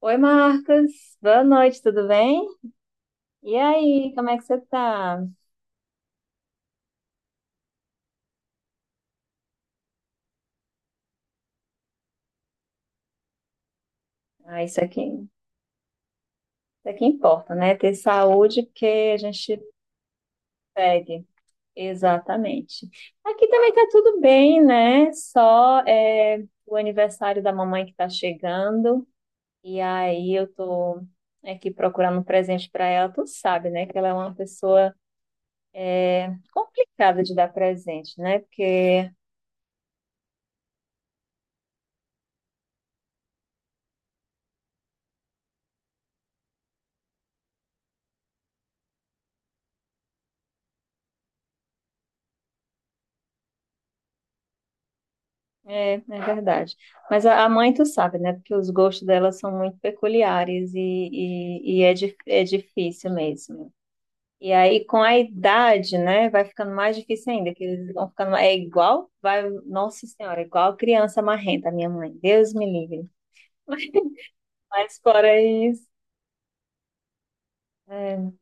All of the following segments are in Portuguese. Oi, Marcos. Boa noite, tudo bem? E aí, como é que você tá? Ah, isso aqui importa, né? Ter saúde porque a gente pegue. Exatamente. Aqui também tá tudo bem, né? O aniversário da mamãe que tá chegando. E aí eu tô aqui procurando um presente para ela. Tu sabe, né? Que ela é uma pessoa complicada de dar presente, né? Porque é verdade. Mas a mãe, tu sabe, né? Porque os gostos dela são muito peculiares é difícil mesmo. E aí, com a idade, né? Vai ficando mais difícil ainda, que eles vão ficando. É igual, vai, Nossa Senhora, é igual criança marrenta, a minha mãe. Deus me livre. Mas fora isso, é,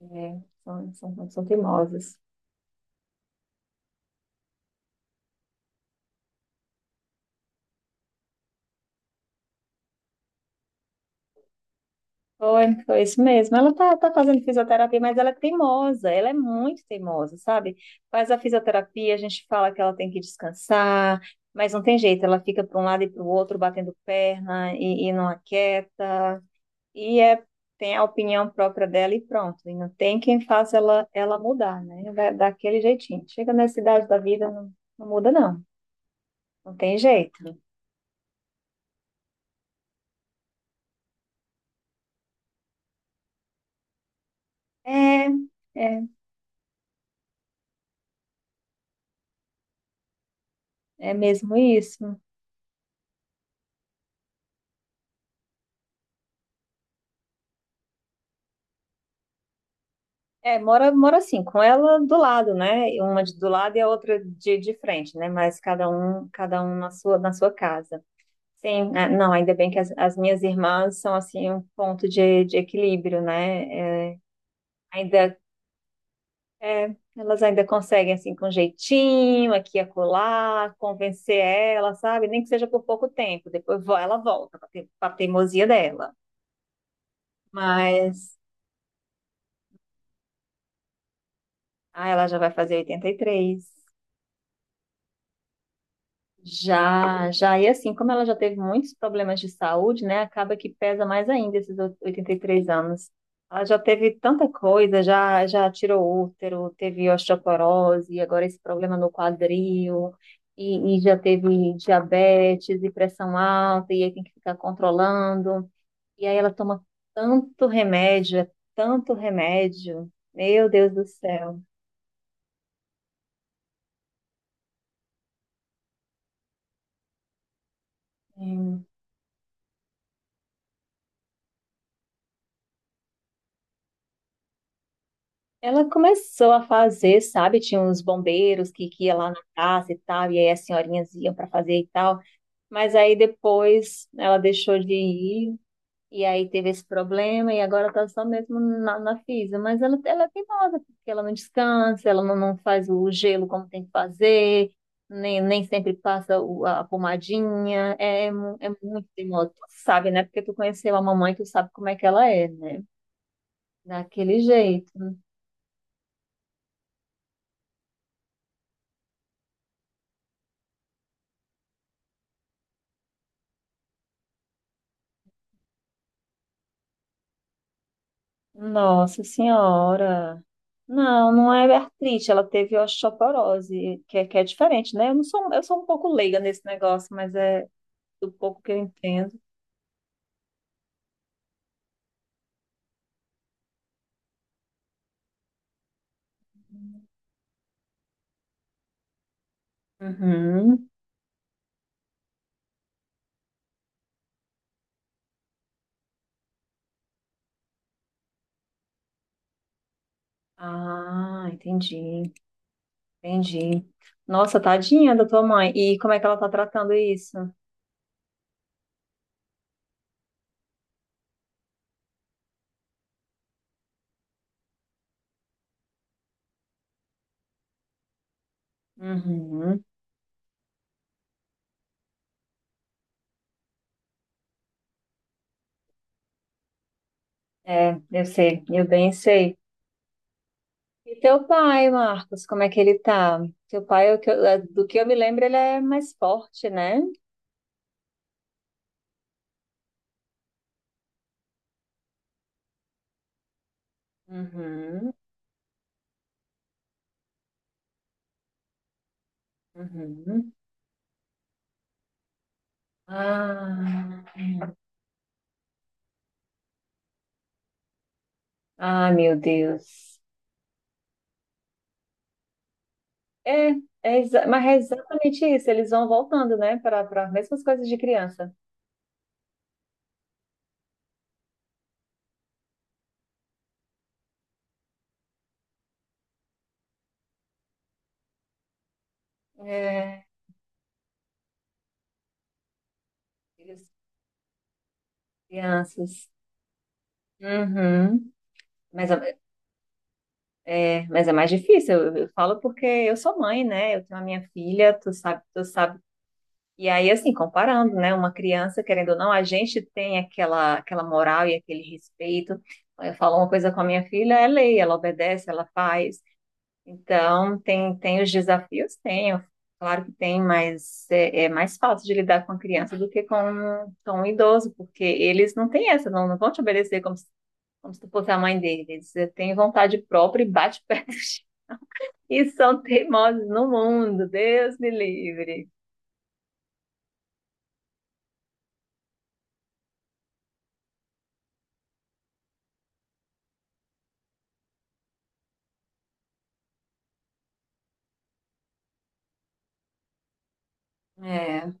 são, são teimosas. Foi, foi isso mesmo. Ela tá fazendo fisioterapia, mas ela é teimosa, ela é muito teimosa, sabe? Faz a fisioterapia, a gente fala que ela tem que descansar, mas não tem jeito, ela fica para um lado e para o outro, batendo perna e não aquieta, e é, tem a opinião própria dela e pronto. E não tem quem faça ela mudar, né? Daquele jeitinho. Chega nessa idade da vida, não muda, não. Não tem jeito. É, é, é mesmo isso. É, mora, mora assim, com ela do lado, né? Uma do lado e a outra de frente, né? Mas cada um na sua casa. Sim, é, não, ainda bem que as minhas irmãs são assim um ponto de equilíbrio, né? Ainda, elas ainda conseguem assim com jeitinho, aqui e acolá, convencer ela, sabe? Nem que seja por pouco tempo, depois ela volta para a teimosia dela. Mas, ah, ela já vai fazer 83. Já, já, e assim, como ela já teve muitos problemas de saúde, né, acaba que pesa mais ainda esses 83 anos. Ela já teve tanta coisa, já, já tirou útero, teve osteoporose, agora esse problema no quadril, e já teve diabetes e pressão alta, e aí tem que ficar controlando. E aí ela toma tanto remédio, é tanto remédio. Meu Deus do céu. É. Ela começou a fazer, sabe? Tinha uns bombeiros que ia lá na casa e tal, e aí as senhorinhas iam para fazer e tal. Mas aí depois ela deixou de ir, e aí teve esse problema, e agora tá só mesmo na fisa. Mas ela é teimosa, porque ela não descansa, ela não, não faz o gelo como tem que fazer, nem sempre passa a pomadinha. É, é muito teimosa. Tu sabe, né? Porque tu conheceu a mamãe, tu sabe como é que ela é, né? Daquele jeito. Nossa Senhora. Não, não é artrite, ela teve osteoporose, que é diferente, né? Eu não sou, eu sou um pouco leiga nesse negócio, mas é do pouco que eu entendo. Uhum. Ah, entendi, entendi. Nossa, tadinha da tua mãe. E como é que ela tá tratando isso? Uhum. É, eu sei, eu bem sei. E teu pai, Marcos, como é que ele tá? Teu pai, é do que eu me lembro, ele é mais forte, né? Uhum, uhum. Ah, hum. Ah, meu Deus. É, mas é exatamente isso. Eles vão voltando, né, para para as mesmas coisas de criança. É, eles- crianças. Uhum. Mas é, mas é mais difícil. Eu falo porque eu sou mãe, né? Eu tenho a minha filha, tu sabe, tu sabe. E aí, assim, comparando, né? Uma criança, querendo ou não, a gente tem aquela, aquela moral e aquele respeito. Eu falo uma coisa com a minha filha, é lei, ela obedece, ela faz. Então, tem, tem os desafios? Tem, claro que tem, mas é mais fácil de lidar com a criança do que com um idoso, porque eles não têm essa, não vão te obedecer como se tu fosse a mãe deles. Eles têm vontade própria e bate pé no chão. E são teimosos no mundo, Deus me livre. É,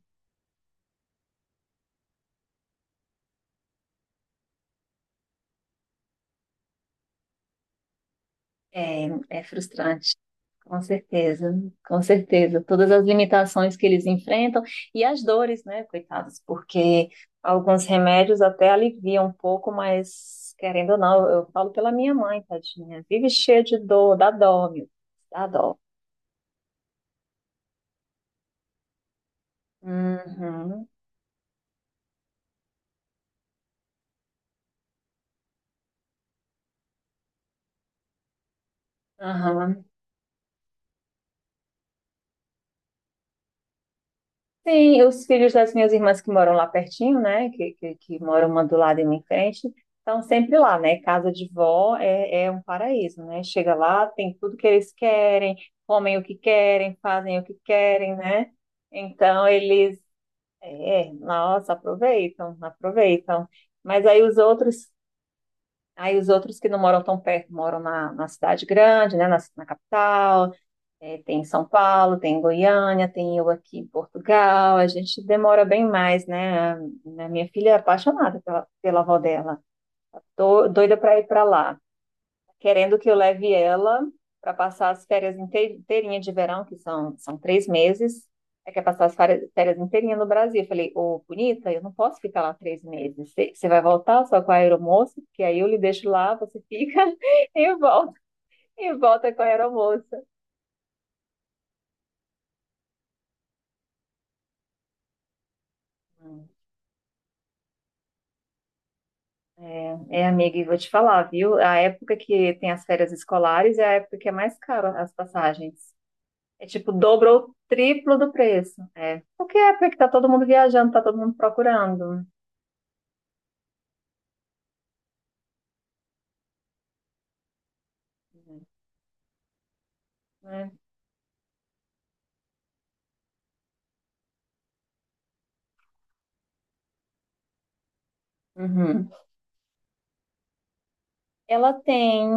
é frustrante. Com certeza, com certeza. Todas as limitações que eles enfrentam e as dores, né, coitados, porque alguns remédios até aliviam um pouco, mas querendo ou não, eu falo pela minha mãe, tadinha, vive cheia de dor, dá dó, meu, dá dó. Uhum, aham. Sim, os filhos das minhas irmãs que moram lá pertinho, né? Que moram uma do lado e uma em frente, estão sempre lá, né? Casa de vó é um paraíso, né? Chega lá, tem tudo que eles querem, comem o que querem, fazem o que querem, né? Então eles, nossa, aproveitam, aproveitam. Mas aí os outros que não moram tão perto, moram na cidade grande, né? Na capital é, tem em São Paulo, tem em Goiânia, tem eu aqui em Portugal. A gente demora bem mais, né? A minha filha é apaixonada pela avó dela. Tô doida para ir para lá, querendo que eu leve ela para passar as férias inteirinha de verão, são 3 meses. É quer passar as férias férias inteirinha no Brasil. Eu falei, ô, bonita, eu não posso ficar lá 3 meses. Você vai voltar só com a aeromoça, porque aí eu lhe deixo lá, você fica e volta, e volta com a aeromoça. Amiga, e vou te falar, viu? A época que tem as férias escolares é a época que é mais cara as passagens. É tipo dobro ou triplo do preço. É. Porque tá todo mundo viajando, tá todo mundo procurando. Né? Uhum. Ela tem.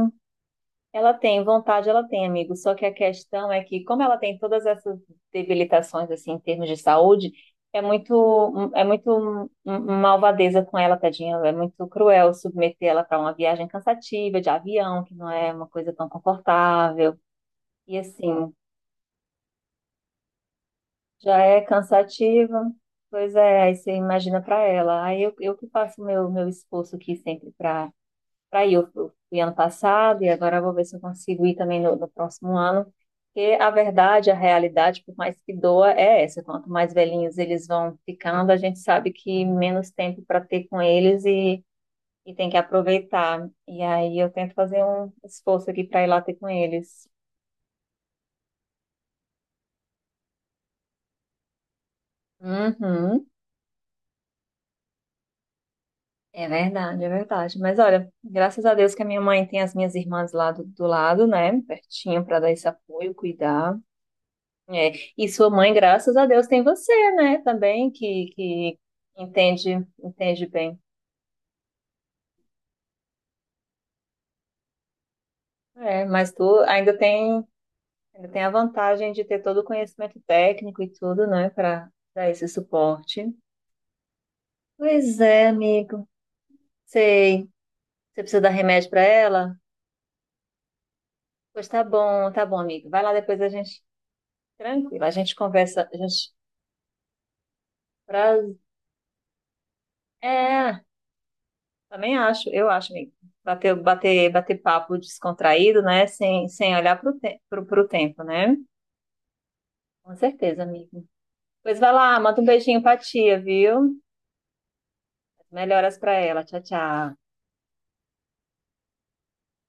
Ela tem vontade, ela tem, amigo. Só que a questão é que, como ela tem todas essas debilitações assim em termos de saúde, é muito um malvadeza com ela, tadinha. É muito cruel submeter ela para uma viagem cansativa de avião, que não é uma coisa tão confortável. E assim, já é cansativa. Pois é, aí você imagina para ela. Aí eu que faço meu esforço aqui sempre para ir. Eu fui ano passado e agora eu vou ver se eu consigo ir também no próximo ano. Porque a verdade, a realidade, por mais que doa, é essa. Quanto mais velhinhos eles vão ficando, a gente sabe que menos tempo para ter com eles e tem que aproveitar. E aí eu tento fazer um esforço aqui para ir lá ter com eles. Uhum. É verdade, é verdade. Mas olha, graças a Deus que a minha mãe tem as minhas irmãs lá do lado, né? Pertinho para dar esse apoio, cuidar. É, e sua mãe, graças a Deus, tem você, né? Também que entende, entende bem. É, mas tu ainda tem a vantagem de ter todo o conhecimento técnico e tudo, né? Para dar esse suporte. Pois é, amigo. Sei. Você precisa dar remédio para ela? Pois tá bom, amigo. Vai lá depois a gente. Tranquilo, a gente conversa. A gente... pra- É, também acho, eu acho, amigo. Bater, bater, bater papo descontraído, né? Sem, sem olhar pro tempo, né? Com certeza, amigo. Pois vai lá, manda um beijinho pra tia, viu? Melhoras pra ela. Tchau, tchau.